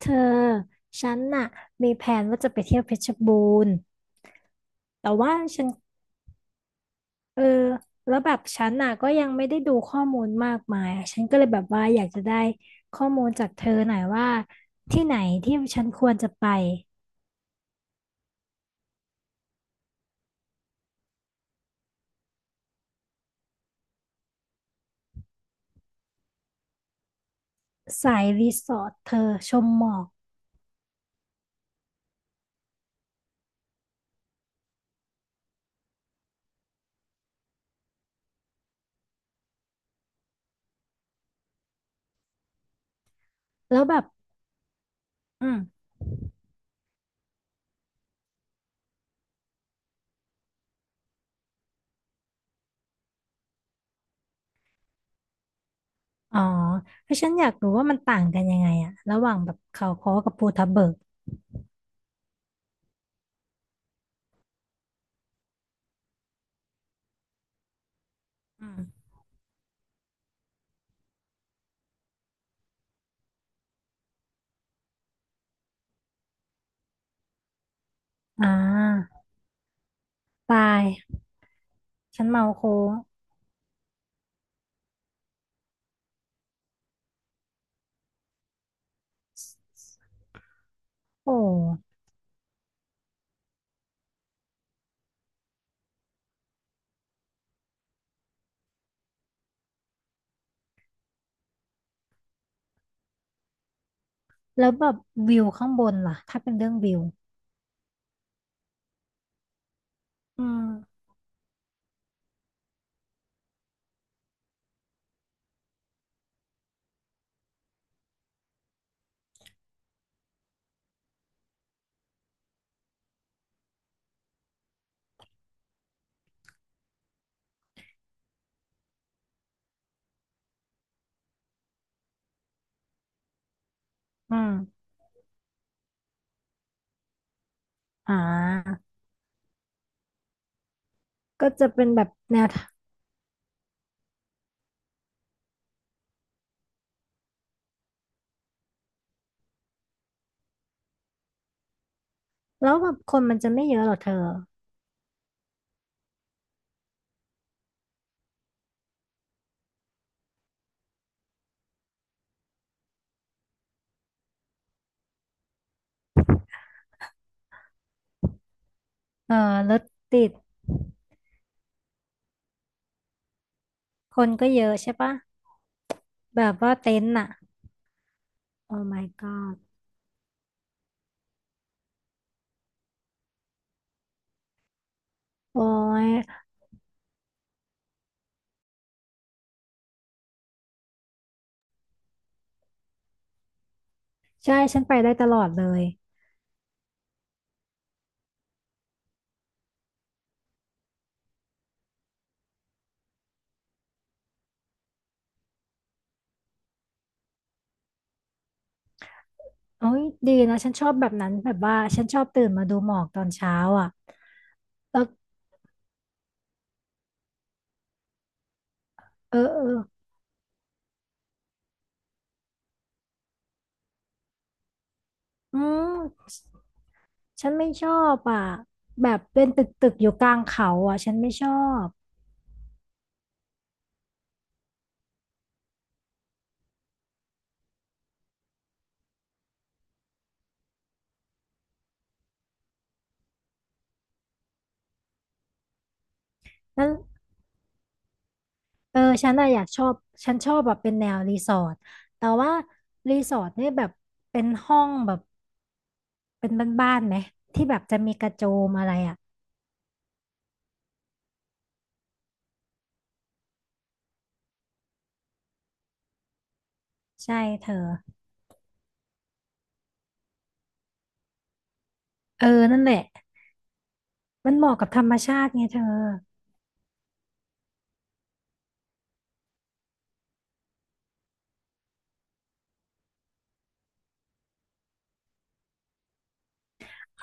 เธอฉันน่ะมีแผนว่าจะไปเที่ยวเพชรบูรณ์แต่ว่าฉันเออแล้วแบบฉันน่ะก็ยังไม่ได้ดูข้อมูลมากมายอะฉันก็เลยแบบว่าอยากจะได้ข้อมูลจากเธอหน่อยว่าที่ไหนที่ฉันควรจะไปสายรีสอร์ทเธอชมหมอกแล้วแบบอืมอ๋อเพราะฉันอยากรู้ว่ามันต่างกันยังไงอะระหว่างแบบเขาค้อกับภูทับเบิกอืมอ่าตายฉันเมาโค้งโอ้ แล้วแบบวิวข้างบนล่ะถ้าเป็นเรื่องวิวอืมอืมอ่าก็จะเป็นแบบแนวทางแล้วแบบคนมันจะไม่เยอะหรอเธอเออรถติดคนก็เยอะใช่ปะแบบว่าเต็นท์อะโอ้ my god โอ้ยใช่ฉันไปได้ตลอดเลยโอ้ยดีนะฉันชอบแบบนั้นแบบว่าฉันชอบตื่นมาดูหมอกตอนเช้าอ่ะแล้วเออเอออืมฉฉันไม่ชอบอ่ะแบบเป็นตึกตึกอยู่กลางเขาอ่ะฉันไม่ชอบนั่น เออ ฉันอะอยากชอบ ฉันชอบแบบเป็นแนวรีสอร์ทแต่ว่ารีสอร์ทเนี่ยแบบเป็นห้องแบบเป็นบ้านๆไหมที่แบบจะมีกระโจมอะไรอ่ะใช่เธอเออนั่นแหละมันเหมาะกับธรรมชาติไงเธอ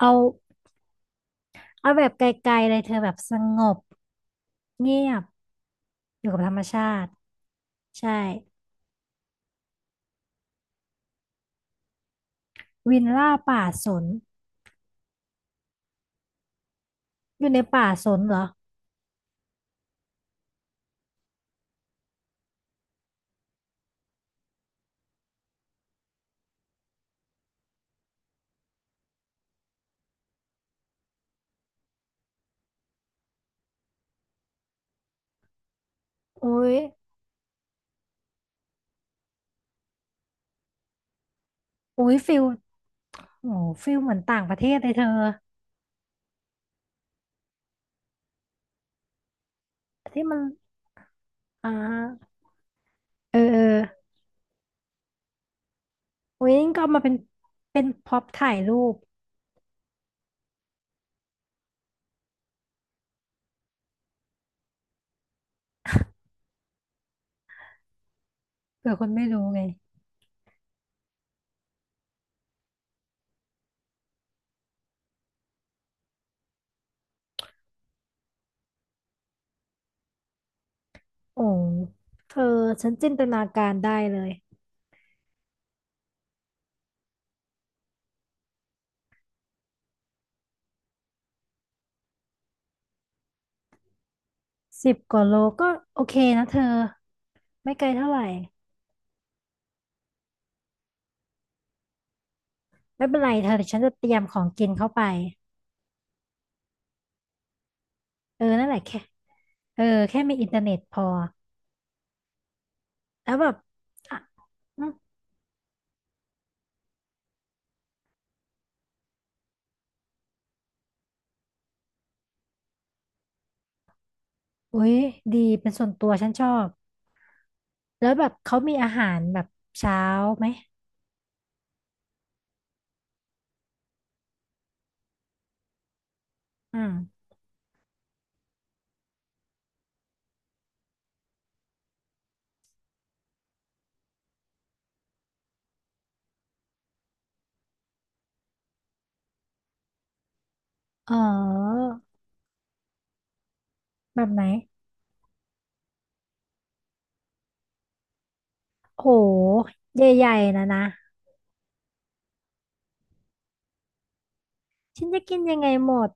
เอาเอาแบบไกลๆเลยเธอแบบสงบเงียบอยู่กับธรรมชาติใช่วิลล่าป่าสนอยู่ในป่าสนเหรอโอ้ยโอ้ยฟิลโอ้ฟิลเหมือนต่างประเทศเลยเธอที่มันอ่าเออเออ โอ้ยงก็เอามาเป็นเป็นพ็อปถ่ายรูปเผื่อคนไม่รู้ไงโอ้เธอฉันจินตนาการได้เลย10 กว่าโลก็โอเคนะเธอไม่ไกลเท่าไหร่ไม่เป็นไรเธอเดี๋ยวฉันจะเตรียมของกินเข้าไปเออนั่นแหละแค่เออแค่มีอินเทอร์เน็ตพอแล้วแบบอ่ะอืมอุ้ยดีเป็นส่วนตัวฉันชอบแล้วแบบเขามีอาหารแบบเช้าไหมอืมอ๋อแบบไหนโหใหญ่ๆนะนะ ฉันจะกินยังไงหมด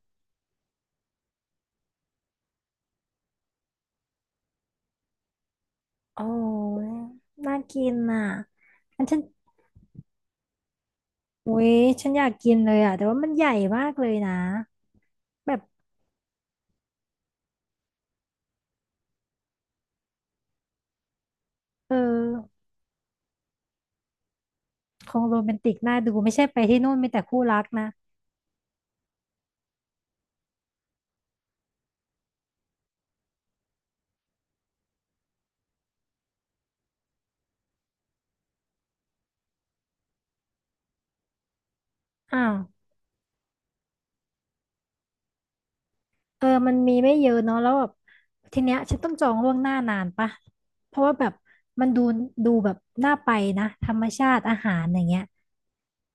อ๋อน่ากินอ่ะอันฉันอุ๊ยฉันอยากกินเลยอ่ะแต่ว่ามันใหญ่มากเลยนะแบบเออคงโรแมนติกน่าดูไม่ใช่ไปที่นู่นมีแต่คู่รักนะ อ้าวเออมันมีไม่เยอะเนาะแล้วแบบทีเนี้ยฉันต้องจองล่วงหน้านานปะเพราะว่าแบบมันดูแบบน่าไปนะธรรมชาติอาหารอย่างเงี้ย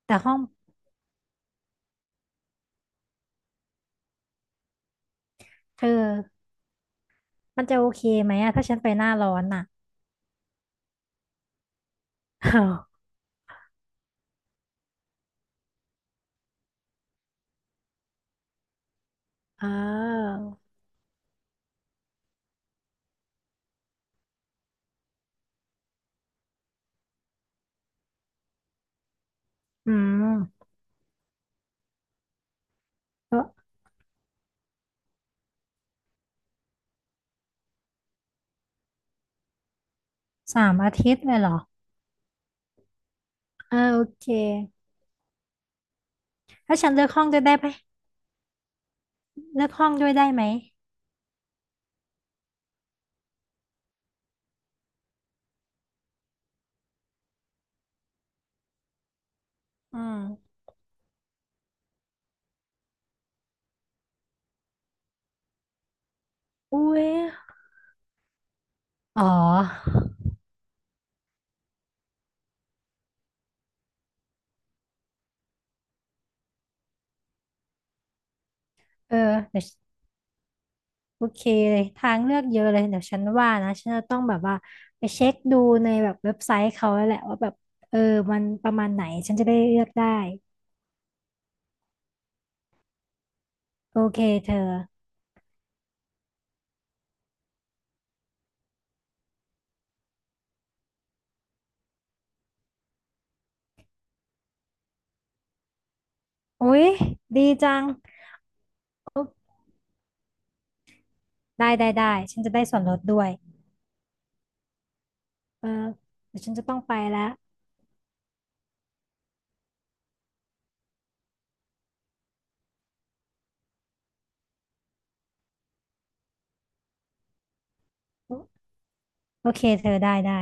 แต่ห้องเธอมันจะโอเคไหมอะถ้าฉันไปหน้าร้อนอ่ะอ้าวอ้าวอืม 3 อาทิตย์เลยเหรออ่าโอเคถ้าฉันเลือกห้องด้วยได้ไหมเลือกห้องด้วยได้ไหม อืมอุ้ยอ๋อเออเดี๋ยวโอเคเลยทางเลือกเยอะเลยเดี๋ยวฉันว่านะฉันจะต้องแบบว่าไปเช็คดูในแบบเว็บไซต์เขาแล้วแหละว่าแบบเออมันประมาณไหนฉันจะได้เลือกได้โอเคเธออุ๊ยดีจังโอ๊ะได้ได้ได้ฉันจะได้ส่วนลดด้วยเออเดี๋ยวฉันจะต้องไปแล้วโอเคเธอได้ได้